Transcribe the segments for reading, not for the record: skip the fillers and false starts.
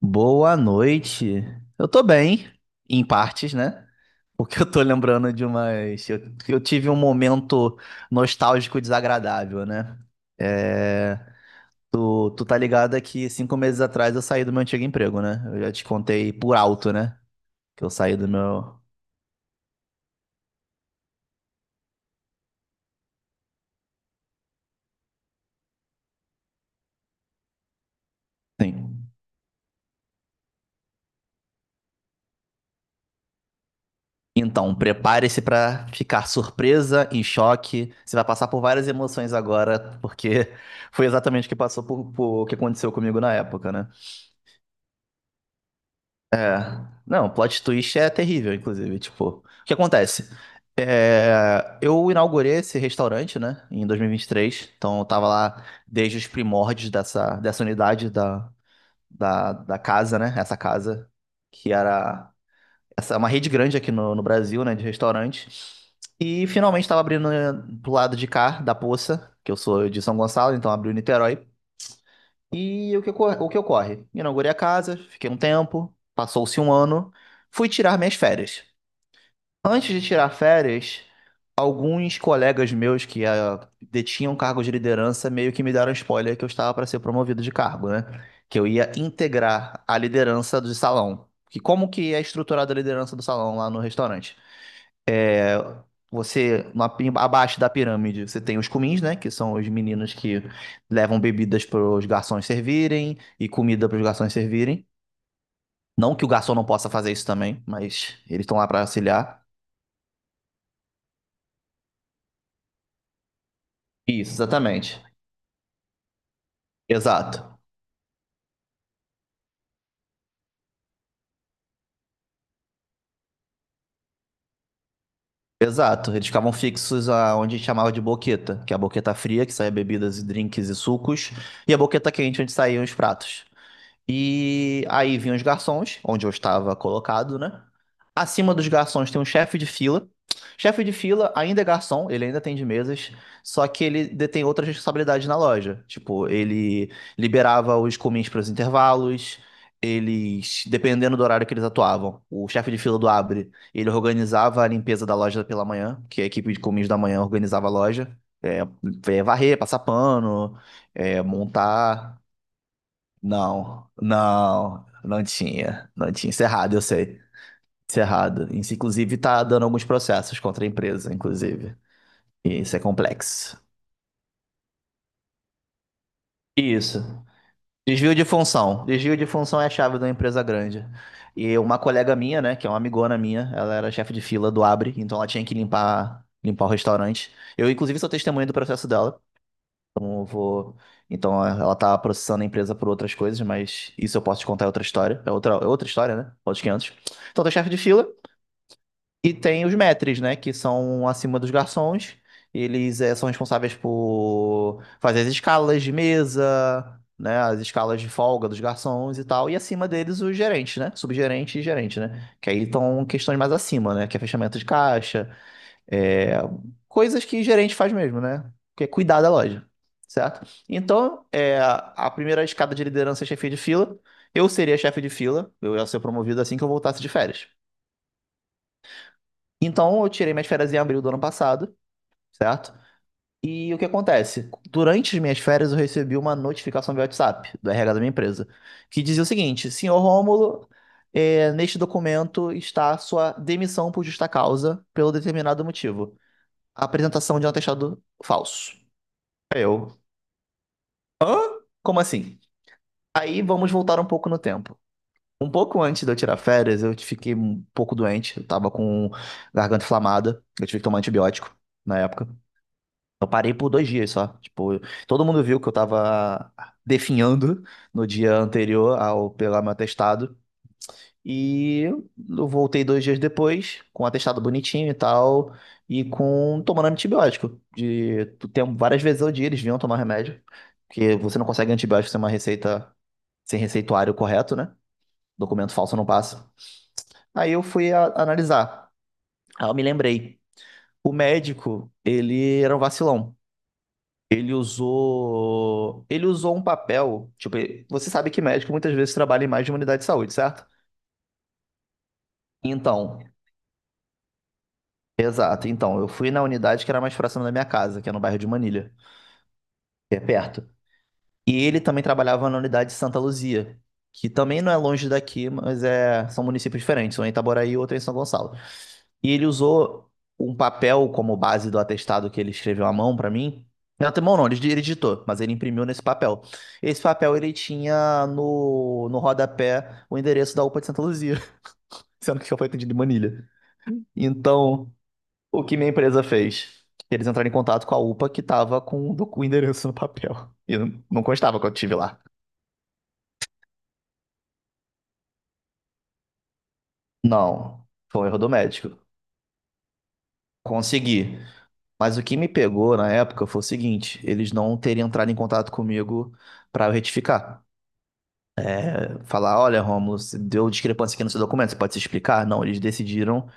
Boa noite. Eu tô bem, em partes, né? Porque eu tô lembrando de umas. Eu tive um momento nostálgico desagradável, né? É, Tu tá ligado que 5 meses atrás eu saí do meu antigo emprego, né? Eu já te contei por alto, né? Que eu saí do meu. Sim. Então, prepare-se pra ficar surpresa, em choque. Você vai passar por várias emoções agora, porque foi exatamente o que passou o que aconteceu comigo na época, né? É. Não, plot twist é terrível, inclusive. Tipo, o que acontece? É, eu inaugurei esse restaurante, né, em dois mil e vinte e três. Então, eu tava lá desde os primórdios dessa unidade da, da casa, né? Essa casa, que era essa, é uma rede grande aqui no Brasil, né, de restaurantes. E finalmente estava abrindo, né, pro lado de cá, da Poça, que eu sou de São Gonçalo, então abriu em Niterói. E o que, o que ocorre? Inaugurei a casa, fiquei um tempo, passou-se um ano, fui tirar minhas férias. Antes de tirar férias, alguns colegas meus que detinham cargos de liderança meio que me deram spoiler que eu estava para ser promovido de cargo, né? Que eu ia integrar a liderança do salão. Que como que é estruturada a liderança do salão lá no restaurante? É, você, abaixo da pirâmide, você tem os cumins, né? Que são os meninos que levam bebidas para os garçons servirem e comida para os garçons servirem. Não que o garçom não possa fazer isso também, mas eles estão lá para auxiliar. Isso, exatamente. Exato. Exato. Eles ficavam fixos aonde a gente chamava de boqueta, que é a boqueta fria, que saía bebidas e drinks e sucos, e a boqueta quente, onde saíam os pratos. E aí vinham os garçons, onde eu estava colocado, né? Acima dos garçons tem um chefe de fila. Chefe de fila ainda é garçom, ele ainda atende mesas, só que ele detém outras responsabilidades na loja. Tipo, ele liberava os comins para os intervalos, eles, dependendo do horário que eles atuavam, o chefe de fila do Abre, ele organizava a limpeza da loja pela manhã, que a equipe de comins da manhã organizava a loja, é, é varrer, passar pano, é, montar. Não, não, não tinha, não tinha. Isso é errado, eu sei. Isso é errado. Isso, inclusive, tá dando alguns processos contra a empresa, inclusive. E isso é complexo. Isso. Desvio de função. Desvio de função é a chave de uma empresa grande. E uma colega minha, né, que é uma amigona minha, ela era chefe de fila do Abre, então ela tinha que limpar, limpar o restaurante. Eu, inclusive, sou testemunha do processo dela. Então eu vou. Então ela tá processando a empresa por outras coisas, mas isso eu posso te contar é outra história. É outra história, né? Outros 500. Então tem o chefe de fila e tem os maîtres, né? Que são acima dos garçons. Eles são responsáveis por fazer as escalas de mesa, né? As escalas de folga dos garçons e tal. E acima deles os gerentes, né? Subgerente e gerente, né? Que aí estão questões mais acima, né? Que é fechamento de caixa, é, coisas que gerente faz mesmo, né? Que é cuidar da loja, certo? Então, é, a primeira escada de liderança é chefia de fila. Eu seria chefe de fila, eu ia ser promovido assim que eu voltasse de férias. Então, eu tirei minhas férias em abril do ano passado, certo? E o que acontece? Durante as minhas férias, eu recebi uma notificação via WhatsApp do RH da minha empresa, que dizia o seguinte: senhor Rômulo, é, neste documento está a sua demissão por justa causa, pelo determinado motivo. A apresentação de um atestado falso. Aí eu, hã? Como assim? Aí vamos voltar um pouco no tempo. Um pouco antes de eu tirar férias, eu fiquei um pouco doente. Eu tava com garganta inflamada. Eu tive que tomar antibiótico na época. Eu parei por 2 dias só. Tipo, todo mundo viu que eu tava definhando no dia anterior ao pegar meu atestado. E eu voltei 2 dias depois, com um atestado bonitinho e tal, e com tomando antibiótico. De, tu tem várias vezes ao dia, eles vinham tomar remédio, porque você não consegue antibiótico sem uma receita, sem receituário correto, né? Documento falso não passa. Aí eu fui analisar. Aí eu me lembrei. O médico, ele era um vacilão. Ele usou um papel, tipo, você sabe que médico muitas vezes trabalha em mais de uma unidade de saúde, certo? Então, exato. Então, eu fui na unidade que era mais próxima da minha casa, que é no bairro de Manilha, que é perto. E ele também trabalhava na unidade de Santa Luzia, que também não é longe daqui, mas é... são municípios diferentes, um em Itaboraí e outro em São Gonçalo. E ele usou um papel como base do atestado que ele escreveu à mão pra mim. Não, até mão não, ele digitou, mas ele imprimiu nesse papel. Esse papel ele tinha no rodapé o endereço da UPA de Santa Luzia, sendo que foi atendido de Manilha. Então, o que minha empresa fez? Eles entraram em contato com a UPA que estava com o o endereço no papel. E não constava quando eu tive lá. Não, foi um erro do médico. Consegui. Mas o que me pegou na época foi o seguinte: eles não terem entrado em contato comigo para eu retificar. Falar, olha, Rômulo, você deu discrepância aqui no seu documento, você pode se explicar? Não, eles decidiram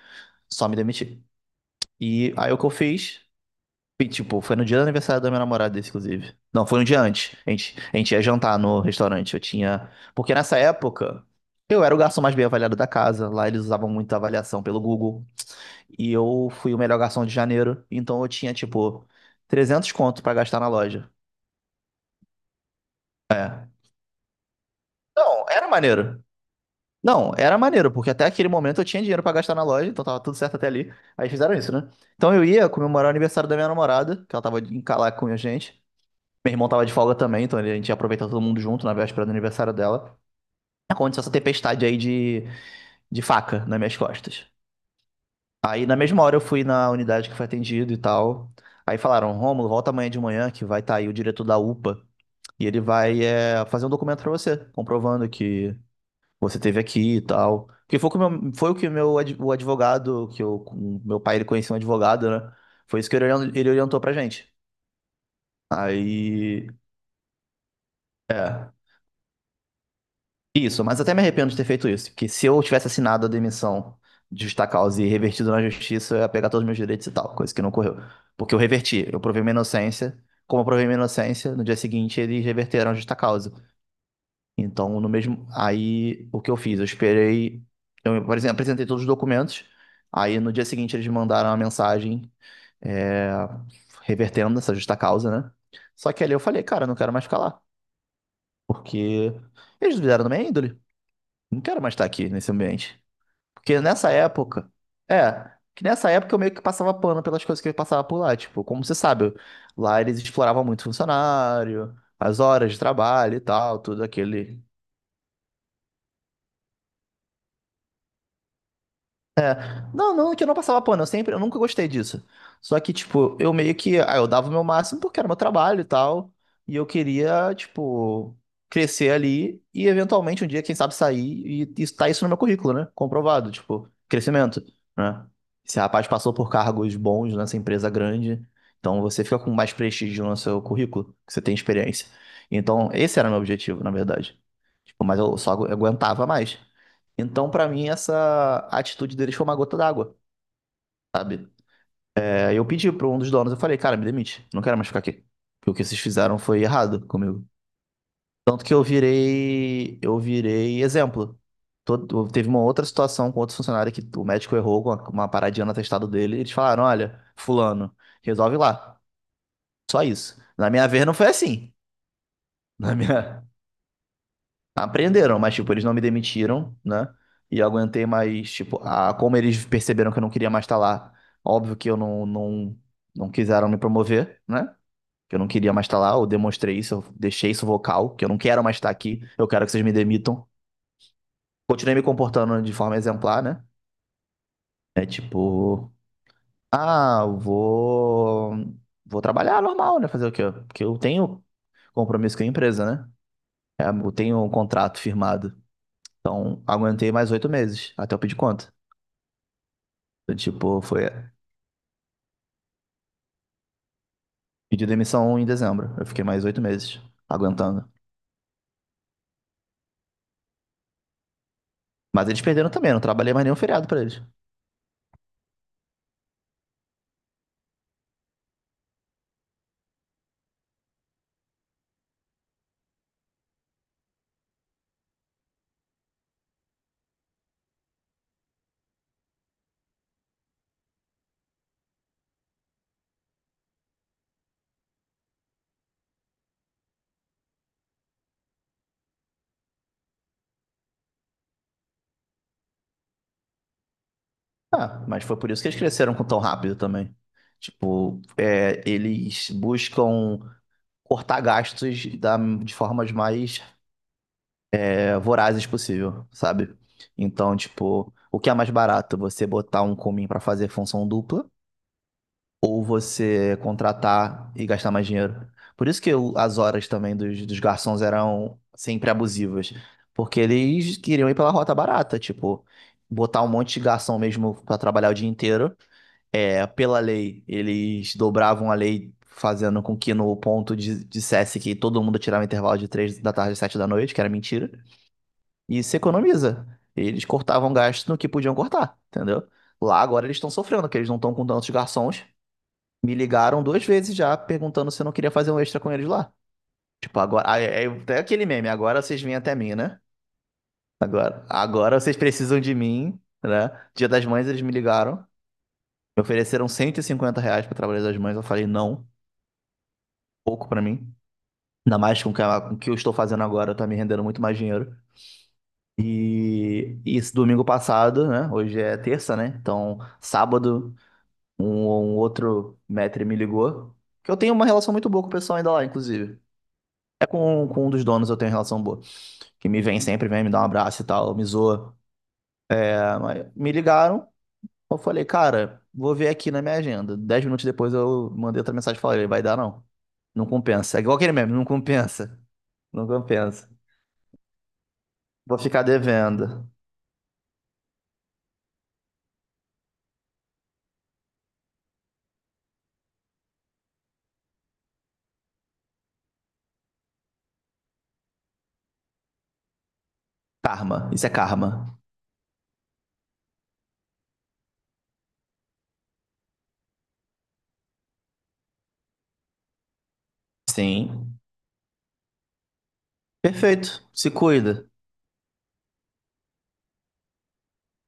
só me demitir. E aí o que eu fiz? E, tipo, foi no dia do aniversário da minha namorada, esse, inclusive. Não, foi um dia antes. A gente ia jantar no restaurante. Eu tinha. Porque nessa época, eu era o garçom mais bem avaliado da casa. Lá eles usavam muita avaliação pelo Google. E eu fui o melhor garçom de janeiro. Então eu tinha, tipo, 300 conto pra gastar na loja. Não, era maneiro. Não, era maneiro, porque até aquele momento eu tinha dinheiro pra gastar na loja, então tava tudo certo até ali. Aí fizeram isso, né? Então eu ia comemorar o aniversário da minha namorada, que ela tava em Calaca com a gente. Meu irmão tava de folga também, então a gente ia aproveitar todo mundo junto na véspera do aniversário dela. Aconteceu essa tempestade aí de faca nas minhas costas. Aí na mesma hora eu fui na unidade que foi atendido e tal. Aí falaram, Rômulo, volta amanhã de manhã que vai estar aí o diretor da UPA e ele vai, é, fazer um documento pra você, comprovando que você esteve aqui e tal. Porque foi, o que o meu- foi o que o advogado, que eu, o meu pai ele conhecia um advogado, né? Foi isso que ele ele orientou pra gente. Aí, é. Isso, mas até me arrependo de ter feito isso, porque se eu tivesse assinado a demissão de justa causa e revertido na justiça, eu ia pegar todos os meus direitos e tal, coisa que não ocorreu. Porque eu reverti, eu provei minha inocência, como eu provei minha inocência, no dia seguinte eles reverteram a justa causa. Então, no mesmo, aí o que eu fiz? Eu esperei, eu, por exemplo, apresentei todos os documentos, aí no dia seguinte eles me mandaram uma mensagem, é, revertendo essa justa causa, né? Só que ali eu falei, cara, eu não quero mais ficar lá, porque eles duvidaram da minha índole. Não quero mais estar aqui nesse ambiente. Porque nessa época. É, que nessa época eu meio que passava pano pelas coisas que eu passava por lá. Tipo, como você sabe, eu- lá eles exploravam muito funcionário, as horas de trabalho e tal, tudo aquele, não, não, que eu não passava pano, eu sempre, eu nunca gostei disso. Só que, tipo, eu meio que, eu dava o meu máximo porque era meu trabalho e tal, e eu queria, tipo, crescer ali e eventualmente um dia, quem sabe, sair e tá isso no meu currículo, né? Comprovado, tipo, crescimento, né? Esse rapaz passou por cargos bons nessa empresa grande, então você fica com mais prestígio no seu currículo, que você tem experiência. Então, esse era o meu objetivo, na verdade. Tipo, mas eu só aguentava mais. Então, pra mim, essa atitude deles foi uma gota d'água, sabe? É, eu pedi pra um dos donos, eu falei, cara, me demite, não quero mais ficar aqui. Porque o que vocês fizeram foi errado comigo. Tanto que eu virei exemplo. Todo- teve uma outra situação com outro funcionário que o médico errou com uma paradinha no atestado dele. E eles falaram, olha, fulano, resolve lá. Só isso. Na minha vez não foi assim. Na minha, aprenderam, mas, tipo, eles não me demitiram, né? E eu aguentei mais, tipo, a, como eles perceberam que eu não queria mais estar lá, óbvio que eu não, não, não quiseram me promover, né? Que eu não queria mais estar lá, eu demonstrei isso, eu deixei isso vocal, que eu não quero mais estar aqui, eu quero que vocês me demitam. Continuei me comportando de forma exemplar, né? É tipo, ah, vou trabalhar normal, né? Fazer o quê? Porque eu tenho compromisso com a empresa, né? É, eu tenho um contrato firmado. Então, aguentei mais 8 meses até eu pedir conta. Eu, tipo, foi pedi demissão em dezembro. Eu fiquei mais 8 meses aguentando. Mas eles perderam também, eu não trabalhei mais nenhum feriado pra eles. Ah, mas foi por isso que eles cresceram com tão rápido também. Tipo, é, eles buscam cortar gastos da, de formas mais, é, vorazes possível, sabe? Então, tipo, o que é mais barato? Você botar um comim pra fazer função dupla ou você contratar e gastar mais dinheiro. Por isso que as horas também dos garçons eram sempre abusivas, porque eles queriam ir pela rota barata, tipo, botar um monte de garçom mesmo para trabalhar o dia inteiro. É, pela lei, eles dobravam a lei fazendo com que no ponto dissesse que todo mundo tirava intervalo de 3 da tarde às 7 da noite, que era mentira, e se economiza. Eles cortavam gasto no que podiam cortar, entendeu? Lá agora eles estão sofrendo, porque eles não estão com tantos garçons, me ligaram 2 vezes já perguntando se eu não queria fazer um extra com eles lá. Tipo, agora. É, é até aquele meme, agora vocês vêm até mim, né? Agora, agora vocês precisam de mim, né? Dia das Mães eles me ligaram, me ofereceram R$ 150 pra trabalhar das mães. Eu falei, não, pouco pra mim. Ainda mais com o que eu estou fazendo agora, tá me rendendo muito mais dinheiro. E esse domingo passado, né? Hoje é terça, né? Então, sábado, um outro maître me ligou. Que eu tenho uma relação muito boa com o pessoal ainda lá, inclusive. É com um dos donos eu tenho relação boa. Que me vem sempre, vem me dar um abraço e tal, me zoa. É, mas me ligaram, eu falei, cara, vou ver aqui na minha agenda. 10 minutos depois eu mandei outra mensagem e falei, vai dar não. Não compensa. É igual aquele meme, não compensa. Não compensa. Vou ficar devendo. Karma, isso é karma. Sim. Perfeito, se cuida.